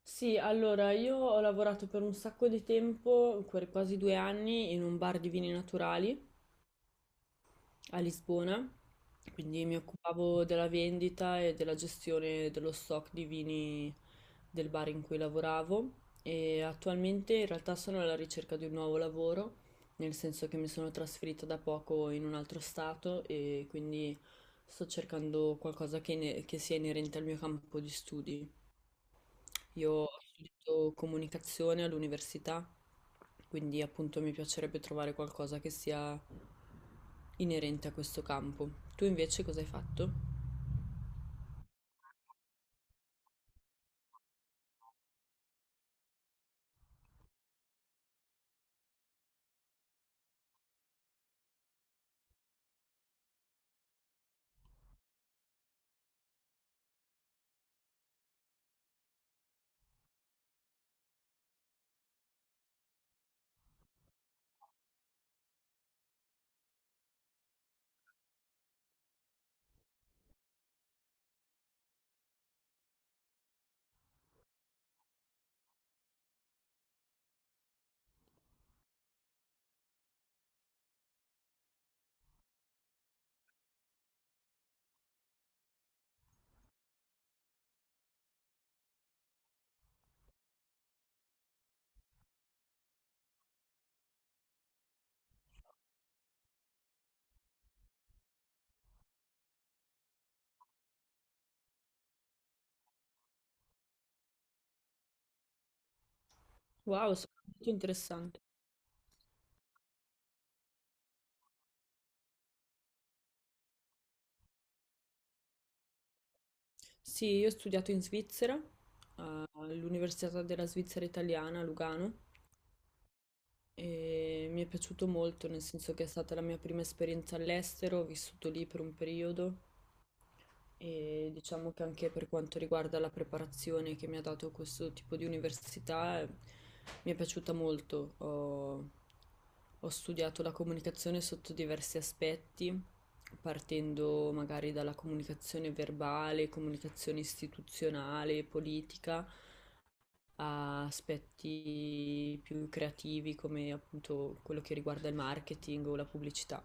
Sì, allora io ho lavorato per un sacco di tempo, quasi 2 anni, in un bar di vini naturali a Lisbona, quindi mi occupavo della vendita e della gestione dello stock di vini del bar in cui lavoravo e attualmente in realtà sono alla ricerca di un nuovo lavoro, nel senso che mi sono trasferita da poco in un altro stato e quindi sto cercando qualcosa che, che sia inerente al mio campo di studi. Io ho studiato comunicazione all'università, quindi appunto mi piacerebbe trovare qualcosa che sia inerente a questo campo. Tu invece cosa hai fatto? Wow, molto interessante. Sì, io ho studiato in Svizzera, all'Università della Svizzera Italiana a Lugano e mi è piaciuto molto, nel senso che è stata la mia prima esperienza all'estero, ho vissuto lì per un periodo. E diciamo che anche per quanto riguarda la preparazione che mi ha dato questo tipo di università, mi è piaciuta molto. Ho studiato la comunicazione sotto diversi aspetti, partendo magari dalla comunicazione verbale, comunicazione istituzionale, politica, a aspetti più creativi come appunto quello che riguarda il marketing o la pubblicità.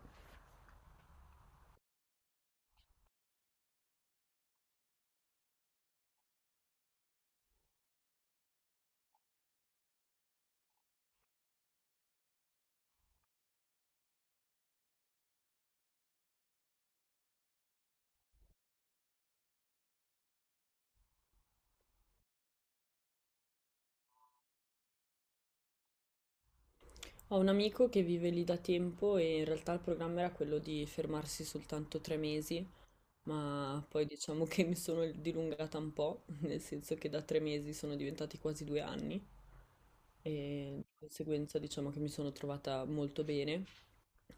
Ho un amico che vive lì da tempo e in realtà il programma era quello di fermarsi soltanto 3 mesi, ma poi diciamo che mi sono dilungata un po', nel senso che da 3 mesi sono diventati quasi 2 anni e di conseguenza diciamo che mi sono trovata molto bene.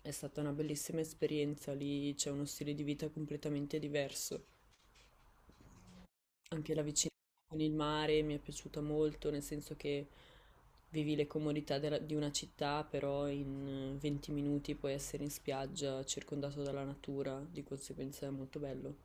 È stata una bellissima esperienza, lì c'è uno stile di vita completamente diverso. Anche la vicinanza con il mare mi è piaciuta molto, nel senso che vivi le comodità di una città, però in 20 minuti puoi essere in spiaggia, circondato dalla natura, di conseguenza è molto bello.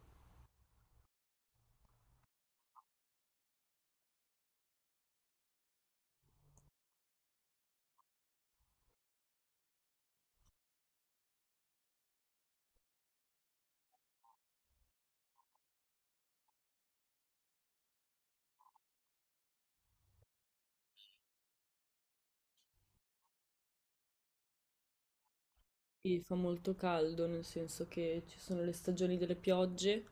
Sì, fa molto caldo, nel senso che ci sono le stagioni delle piogge,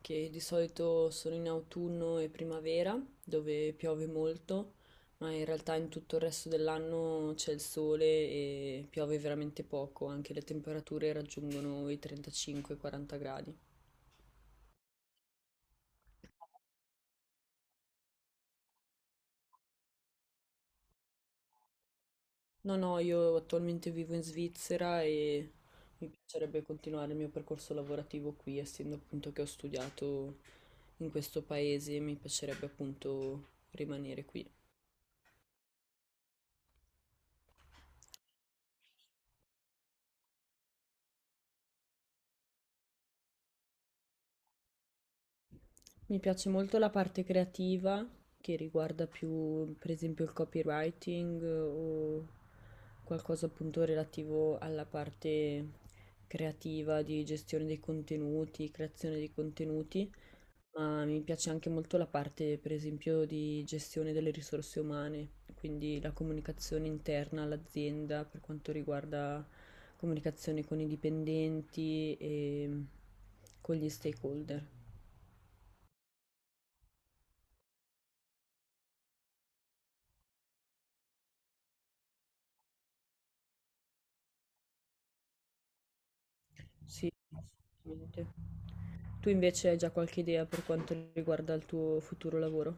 che di solito sono in autunno e primavera, dove piove molto, ma in realtà in tutto il resto dell'anno c'è il sole e piove veramente poco, anche le temperature raggiungono i 35-40 gradi. No, no, io attualmente vivo in Svizzera e mi piacerebbe continuare il mio percorso lavorativo qui, essendo appunto che ho studiato in questo paese, mi piacerebbe appunto rimanere qui. Mi piace molto la parte creativa, che riguarda più per esempio il copywriting o qualcosa appunto relativo alla parte creativa di gestione dei contenuti, creazione dei contenuti. Ma mi piace anche molto la parte, per esempio, di gestione delle risorse umane, quindi la comunicazione interna all'azienda per quanto riguarda comunicazione con i dipendenti e con gli stakeholder. Sì, assolutamente. Tu invece hai già qualche idea per quanto riguarda il tuo futuro lavoro?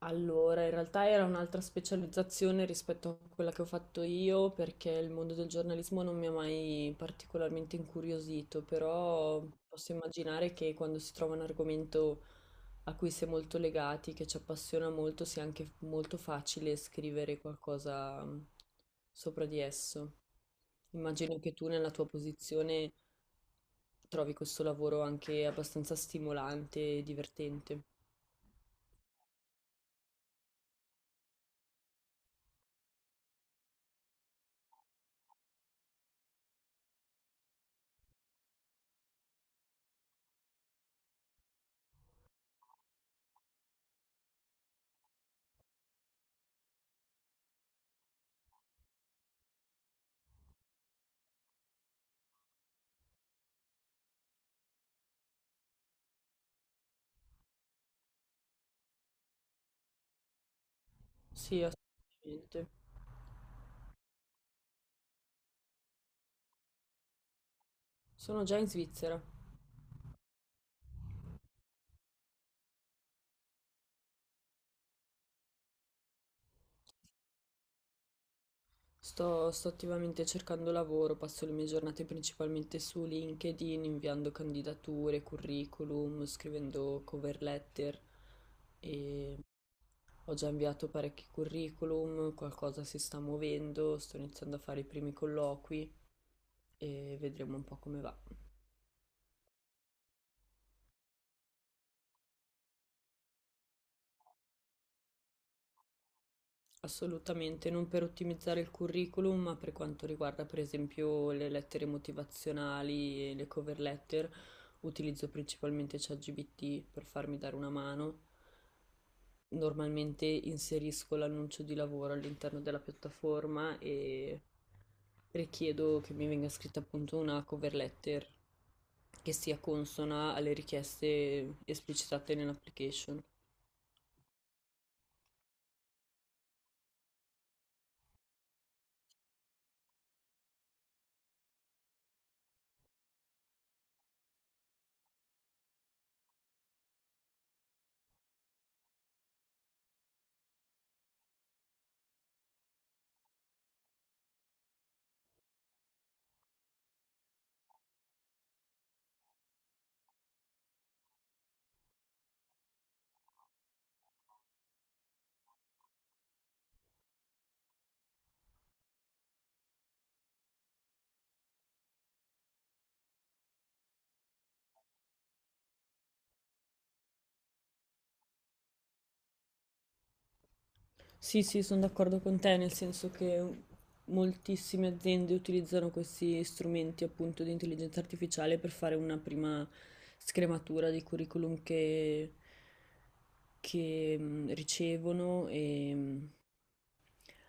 Allora, in realtà era un'altra specializzazione rispetto a quella che ho fatto io, perché il mondo del giornalismo non mi ha mai particolarmente incuriosito, però posso immaginare che quando si trova un argomento a cui si è molto legati, che ci appassiona molto, sia anche molto facile scrivere qualcosa sopra di esso. Immagino che tu nella tua posizione trovi questo lavoro anche abbastanza stimolante e divertente. Sì, assolutamente. Sono già in Svizzera. Sto attivamente cercando lavoro, passo le mie giornate principalmente su LinkedIn, inviando candidature, curriculum, scrivendo cover letter e ho già inviato parecchi curriculum, qualcosa si sta muovendo, sto iniziando a fare i primi colloqui e vedremo un po' come va. Assolutamente, non per ottimizzare il curriculum, ma per quanto riguarda per esempio le lettere motivazionali e le cover letter, utilizzo principalmente ChatGPT per farmi dare una mano. Normalmente inserisco l'annuncio di lavoro all'interno della piattaforma e richiedo che mi venga scritta appunto una cover letter che sia consona alle richieste esplicitate nell'application. Sì, sì, sono d'accordo con te, nel senso che moltissime aziende utilizzano questi strumenti appunto di intelligenza artificiale per fare una prima scrematura dei curriculum che ricevono e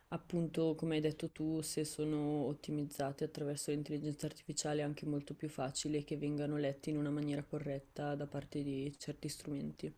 appunto, come hai detto tu, se sono ottimizzate attraverso l'intelligenza artificiale è anche molto più facile che vengano letti in una maniera corretta da parte di certi strumenti.